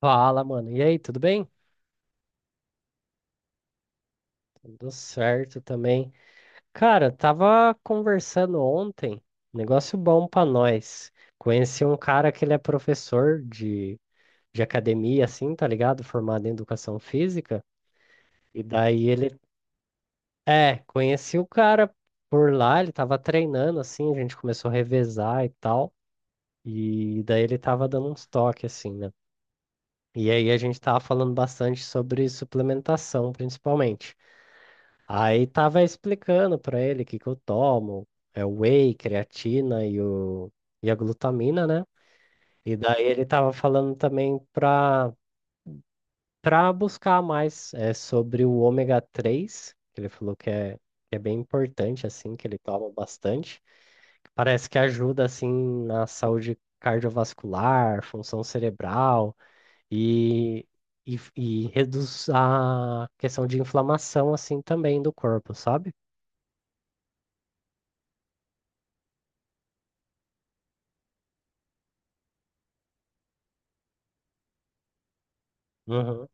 Fala, mano. E aí, tudo bem? Tudo certo também. Cara, tava conversando ontem, negócio bom pra nós. Conheci um cara que ele é professor de academia, assim, tá ligado? Formado em educação física. E daí ele. É, conheci o cara por lá, ele tava treinando, assim, a gente começou a revezar e tal. E daí ele tava dando uns toques, assim, né? E aí a gente tava falando bastante sobre suplementação, principalmente. Aí tava explicando pra ele o que que eu tomo, é o whey, creatina e a glutamina, né? E daí ele tava falando também pra buscar mais sobre o ômega três, que ele falou que é bem importante, assim, que ele toma bastante. Parece que ajuda, assim, na saúde cardiovascular, função cerebral e, e reduz a questão de inflamação, assim, também do corpo, sabe? Uhum.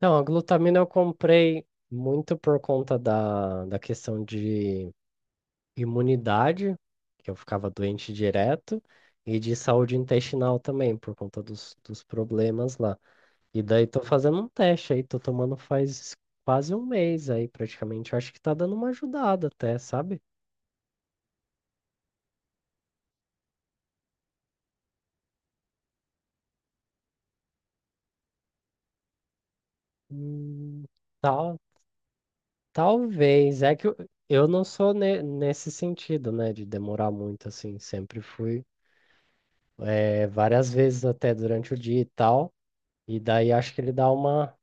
Não, a glutamina eu comprei muito por conta da questão de imunidade, que eu ficava doente direto, e de saúde intestinal também, por conta dos problemas lá. E daí tô fazendo um teste aí, tô tomando faz quase um mês aí praticamente. Eu acho que tá dando uma ajudada até, sabe? Hum, Tal, talvez. É que eu não sou nesse sentido, né, de demorar muito assim, sempre fui várias vezes até durante o dia e tal. E daí acho que ele dá uma.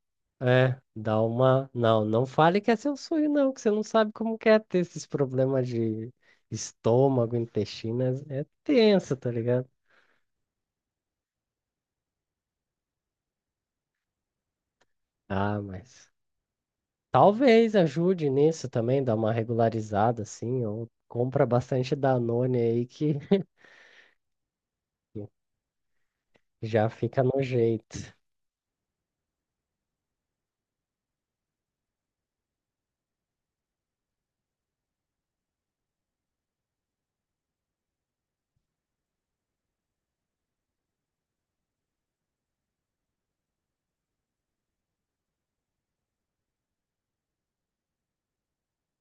É, dá uma. Não, não fale que é seu sonho, não, que você não sabe como que é ter esses problemas de estômago, intestino. É tenso, tá ligado? Ah, mas. Talvez ajude nisso também, dar uma regularizada assim, ou compra bastante Danone aí que já fica no jeito.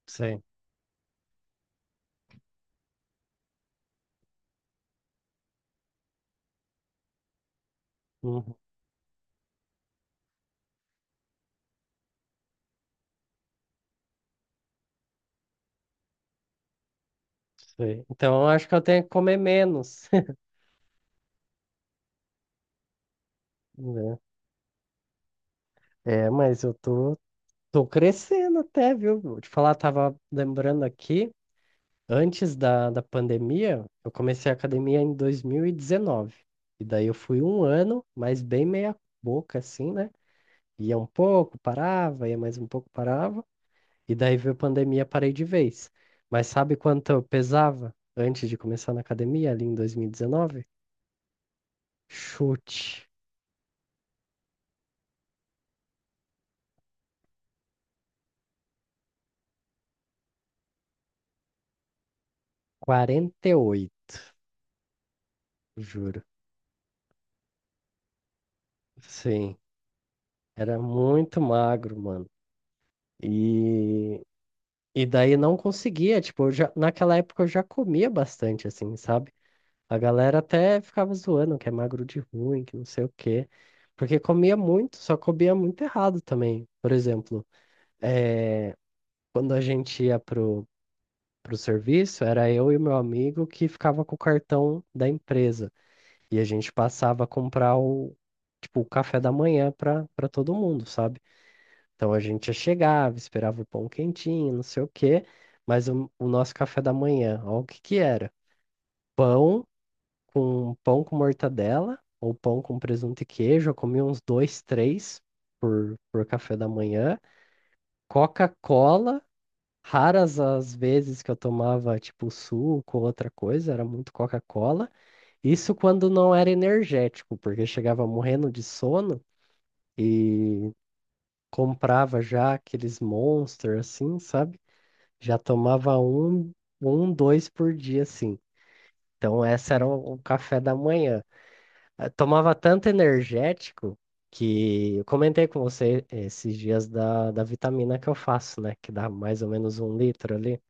Sei. Uhum, sei. Então eu acho que eu tenho que comer menos. Né? É, mas eu tô crescendo até, viu? Vou te falar, tava lembrando aqui, antes da pandemia, eu comecei a academia em 2019. E daí eu fui um ano, mas bem meia boca, assim, né? Ia um pouco, parava, ia mais um pouco, parava. E daí veio a pandemia, parei de vez. Mas sabe quanto eu pesava antes de começar na academia, ali em 2019? Chute, 48. Juro. Sim, era muito magro, mano. E E daí não conseguia, tipo, naquela época eu já comia bastante, assim, sabe? A galera até ficava zoando que é magro de ruim, que não sei o quê. Porque comia muito, só comia muito errado também. Por exemplo, eh, quando a gente ia pro serviço, era eu e meu amigo que ficava com o cartão da empresa. E a gente passava a comprar tipo, o café da manhã pra todo mundo, sabe? Então a gente chegava, esperava o pão quentinho, não sei o quê, mas o nosso café da manhã, ó, o que que era? Pão pão com mortadela, ou pão com presunto e queijo, eu comia uns dois, três por café da manhã. Coca-Cola, raras as vezes que eu tomava tipo suco ou outra coisa, era muito Coca-Cola. Isso quando não era energético, porque chegava morrendo de sono e comprava já aqueles Monster, assim, sabe? Já tomava um, dois por dia, assim. Então, essa era o café da manhã. Tomava tanto energético que eu comentei com você esses dias da vitamina que eu faço, né? Que dá mais ou menos um litro ali.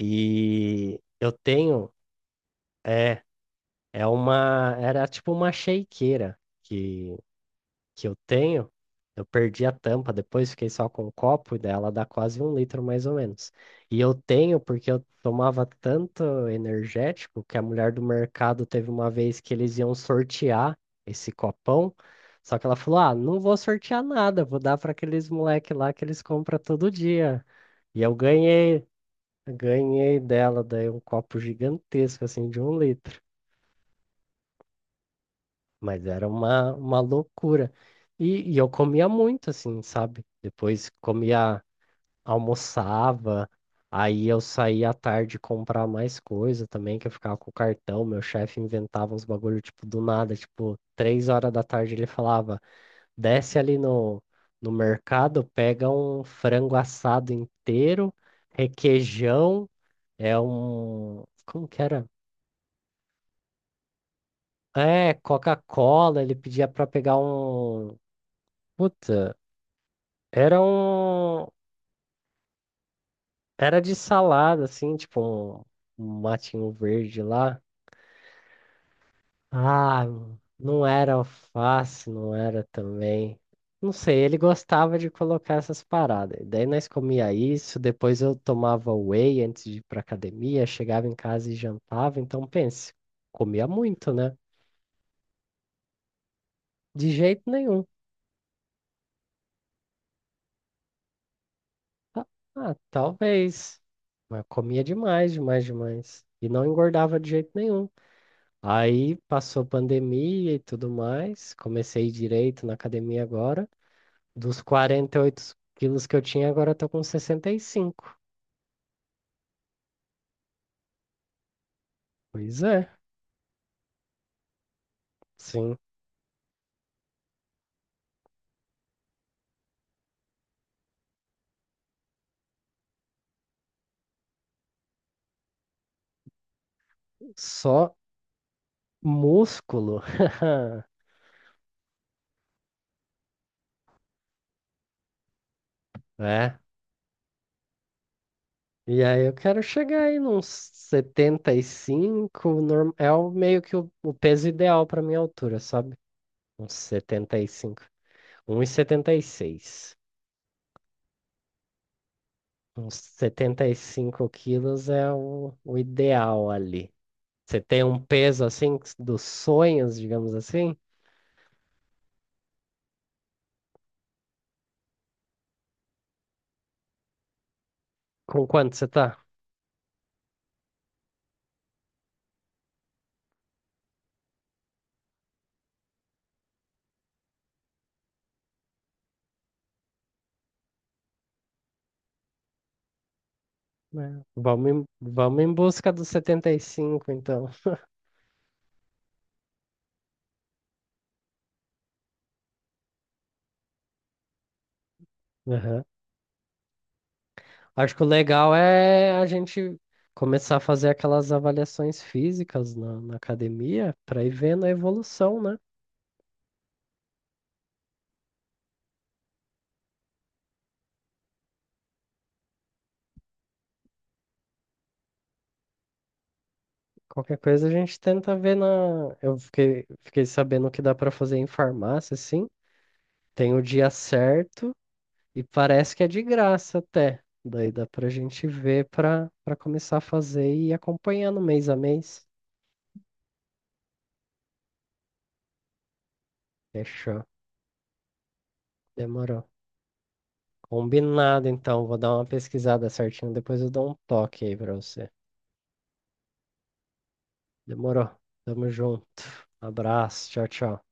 E eu tenho, é, era tipo uma shakeira que eu tenho. Eu perdi a tampa, depois fiquei só com o copo, e daí ela dá quase um litro mais ou menos. E eu tenho porque eu tomava tanto energético que a mulher do mercado teve uma vez que eles iam sortear esse copão, só que ela falou: "Ah, não vou sortear nada, vou dar para aqueles moleque lá, que eles compram todo dia". E eu ganhei dela, daí, um copo gigantesco, assim, de um litro. Mas era uma loucura. E eu comia muito, assim, sabe? Depois comia, almoçava, aí eu saía à tarde comprar mais coisa também, que eu ficava com o cartão. Meu chefe inventava uns bagulho, tipo, do nada. Tipo, três horas da tarde ele falava: desce ali no mercado, pega um frango assado inteiro, requeijão, é um. Como que era? É, Coca-Cola, ele pedia pra pegar um. Puta. Era um. Era de salada, assim, tipo um matinho verde lá. Ah, não era alface, não era também. Não sei, ele gostava de colocar essas paradas. Daí nós comia isso, depois eu tomava whey antes de ir pra academia, chegava em casa e jantava. Então pense, comia muito, né? De jeito nenhum. Ah, ah, talvez. Mas comia demais, demais, demais. E não engordava de jeito nenhum. Aí passou pandemia e tudo mais, comecei direito na academia agora. Dos 48 quilos que eu tinha, agora eu tô com 65. Pois é, sim, só músculo. É. E aí eu quero chegar aí nos 75, é o meio que o peso ideal para minha altura, sabe? Uns setenta, setenta e cinco. Um e setenta e seis. Uns 75 quilos é o ideal ali. Você tem um peso assim dos sonhos, digamos assim? Com quanto você tá? É, vamos em busca dos 75, então. Aham. Acho que o legal é a gente começar a fazer aquelas avaliações físicas na academia, para ir vendo a evolução, né? Qualquer coisa a gente tenta ver na. Eu fiquei sabendo que dá para fazer em farmácia, sim. Tem o dia certo e parece que é de graça até. Daí dá pra gente ver pra começar a fazer e ir acompanhando mês a mês. Fechou. Demorou. Combinado, então. Vou dar uma pesquisada certinho. Depois eu dou um toque aí pra você. Demorou. Tamo junto. Abraço. Tchau, tchau.